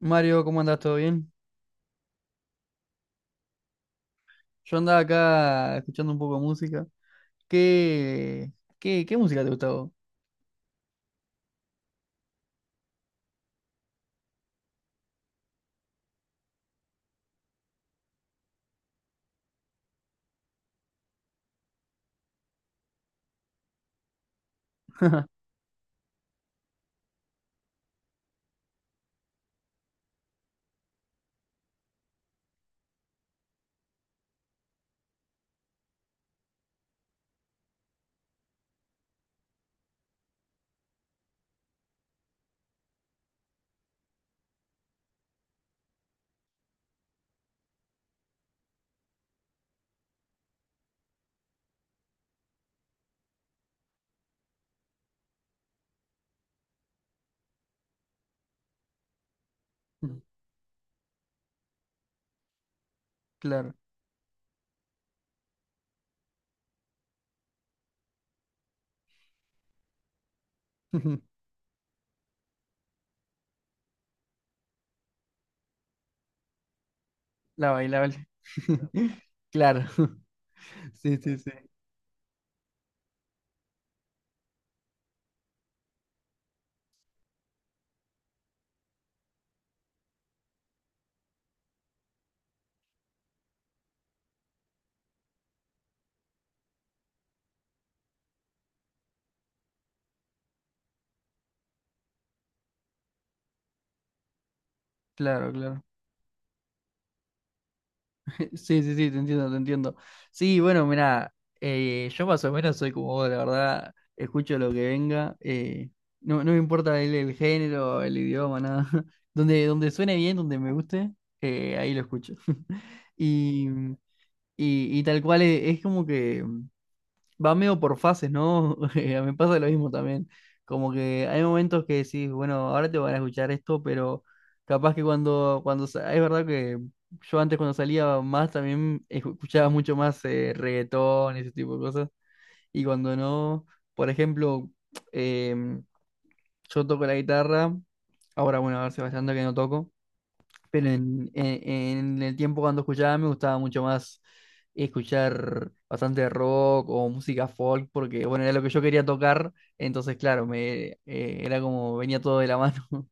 Mario, ¿cómo andás? ¿Todo bien? Yo andaba acá escuchando un poco de música. ¿Qué, qué música te gustaba? Claro. La bailable. Claro. Sí, sí, sí. Claro, claro. Sí, sí, sí, te entiendo, te entiendo. Sí, bueno, mirá, yo más o menos soy como vos, la verdad, escucho lo que venga. No, no me importa el género, el idioma, nada. Donde suene bien, donde me guste, ahí lo escucho. Y. Y, y tal cual es, como que va medio por fases, ¿no? Me pasa lo mismo también. Como que hay momentos que decís, bueno, ahora te van a escuchar esto, pero capaz que cuando es verdad que yo antes cuando salía más también escuchaba mucho más reggaetón, ese tipo de cosas. Y cuando no, por ejemplo, em, yo toco la guitarra, ahora bueno, a ver, Sebastián, que no toco. Pero en el tiempo cuando escuchaba me gustaba mucho más escuchar bastante rock o música folk, porque bueno, era lo que yo quería tocar, entonces claro, me era como venía todo de la mano.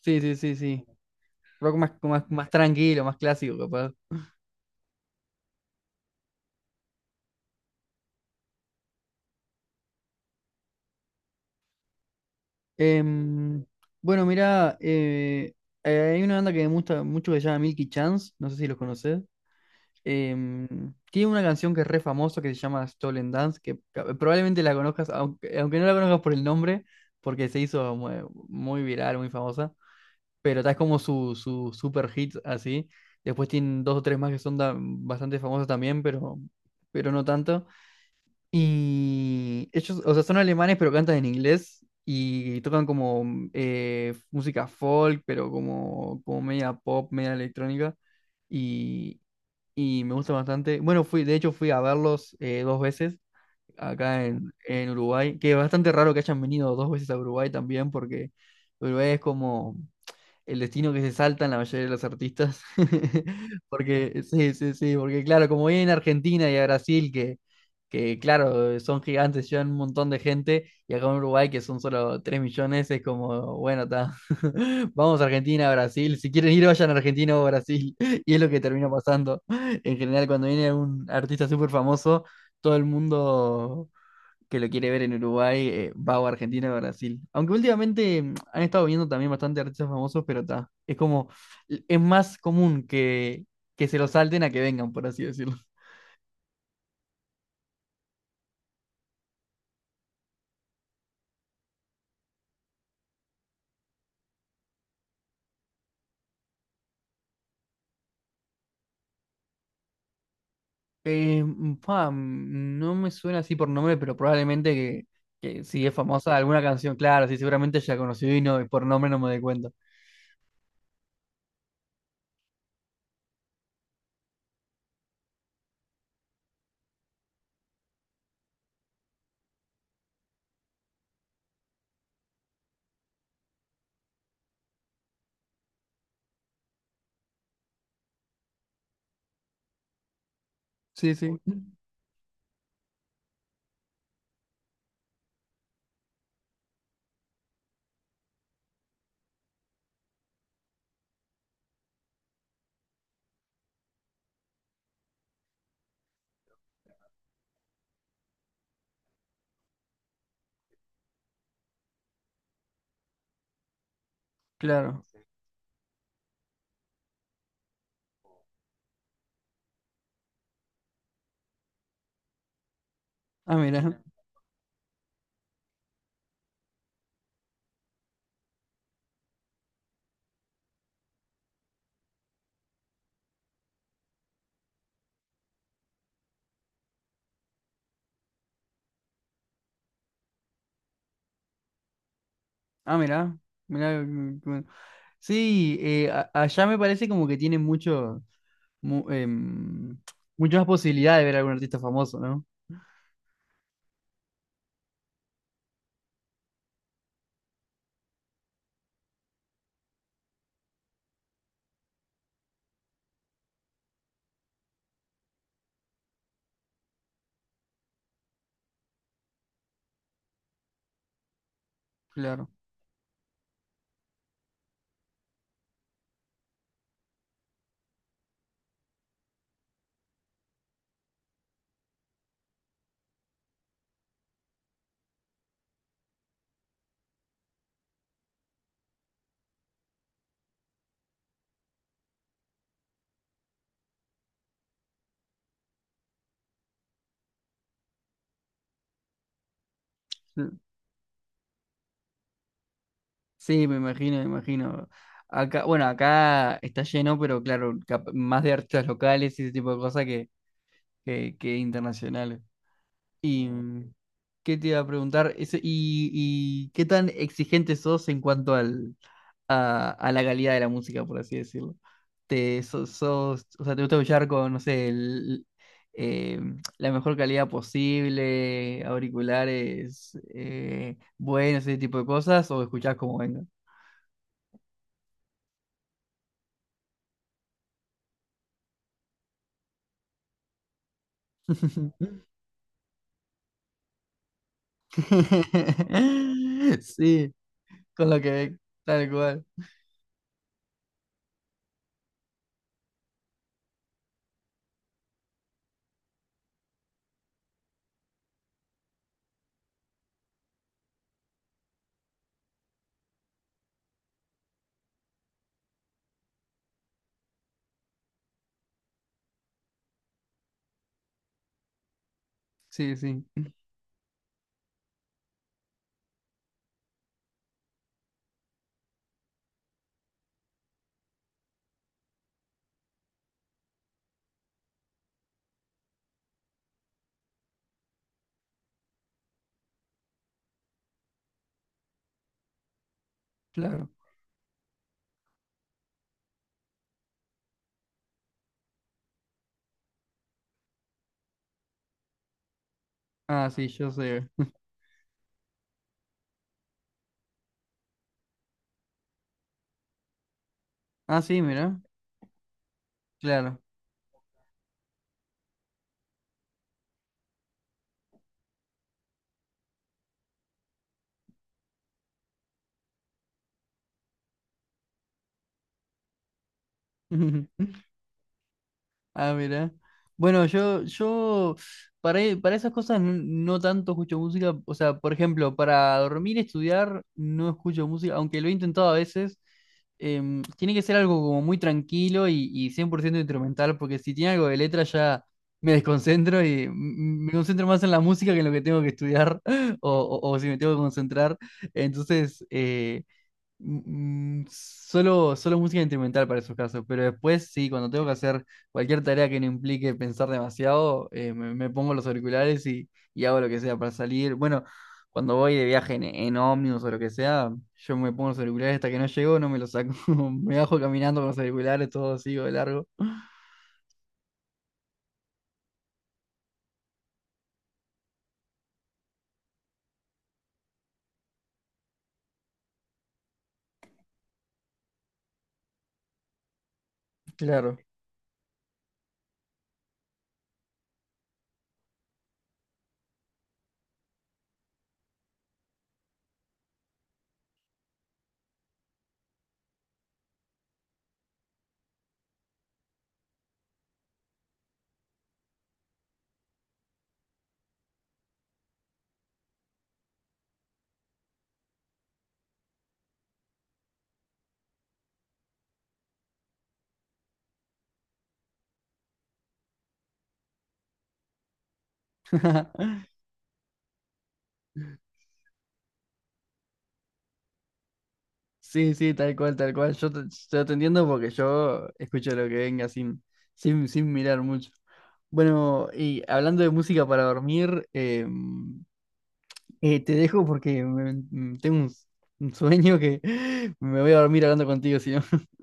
Sí, sí, sí, sí. Rock más, más, más tranquilo, más clásico, capaz. Em, bueno, mira, hay una banda que me gusta mucho que se llama Milky Chance, no sé si los conoces. Tiene una canción que es re famosa que se llama Stolen Dance, que probablemente la conozcas, aunque, aunque no la conozcas por el nombre, porque se hizo muy viral, muy famosa, pero tal es como su super hit así. Después tienen dos o tres más que son bastante famosas también, pero no tanto. Y ellos, o sea, son alemanes, pero cantan en inglés. Y tocan como música folk, pero como, como media pop, media electrónica y me gusta bastante. Bueno, fui, de hecho fui a verlos dos veces acá en Uruguay, que es bastante raro que hayan venido dos veces a Uruguay también, porque Uruguay es como el destino que se salta en la mayoría de los artistas. Porque, sí, sí, sí, porque claro, como viene en Argentina y a Brasil, que claro, son gigantes, llevan un montón de gente, y acá en Uruguay, que son solo 3 millones, es como, bueno, está, vamos a Argentina, Brasil, si quieren ir, vayan a Argentina o Brasil, y es lo que termina pasando. En general, cuando viene un artista súper famoso, todo el mundo que lo quiere ver en Uruguay, va o a Argentina o a Brasil. Aunque últimamente han estado viendo también bastante artistas famosos, pero está. Es como, es más común que se lo salten a que vengan, por así decirlo. No me suena así por nombre, pero probablemente que si es famosa alguna canción, claro, sí, seguramente ya conocí y no, por nombre no me doy cuenta. Sí, sí, claro. Ah, mira. Ah, mirá, mirá. Bueno. Sí, allá me parece como que tienen mucho, mu- em, mucho más posibilidad de ver a algún artista famoso, ¿no? Claro. Sí, me imagino, me imagino. Acá, bueno, acá está lleno, pero claro, más de artistas locales y ese tipo de cosas que internacionales. ¿Y qué te iba a preguntar? Y, y qué tan exigente sos en cuanto a la calidad de la música, por así decirlo. O sea, te gusta escuchar con, no sé, eh, la mejor calidad posible, auriculares buenos, ese tipo de cosas, o escuchás como venga. Sí, con lo que ve, tal cual. Sí, sí, claro. Ah, sí, yo sé. Ah, sí, mira, claro. Ah, mira. Bueno, yo para, para esas cosas no, no tanto escucho música. O sea, por ejemplo, para dormir y estudiar no escucho música, aunque lo he intentado a veces. Tiene que ser algo como muy tranquilo y 100% instrumental, porque si tiene algo de letra ya me desconcentro y me concentro más en la música que en lo que tengo que estudiar o, o si me tengo que concentrar. Entonces, solo música instrumental para esos casos, pero después sí, cuando tengo que hacer cualquier tarea que no implique pensar demasiado, me pongo los auriculares y hago lo que sea para salir. Bueno, cuando voy de viaje en ómnibus o lo que sea, yo me pongo los auriculares hasta que no llego, no me los saco, me bajo caminando con los auriculares, todo sigo de largo. Claro. Sí, sí, tal cual, tal cual. Yo te entiendo porque yo escucho lo que venga sin mirar mucho. Bueno, y hablando de música para dormir, te dejo porque tengo un sueño que me voy a dormir hablando contigo, si no.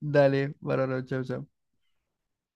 Dale, bárbaro, chau, chau.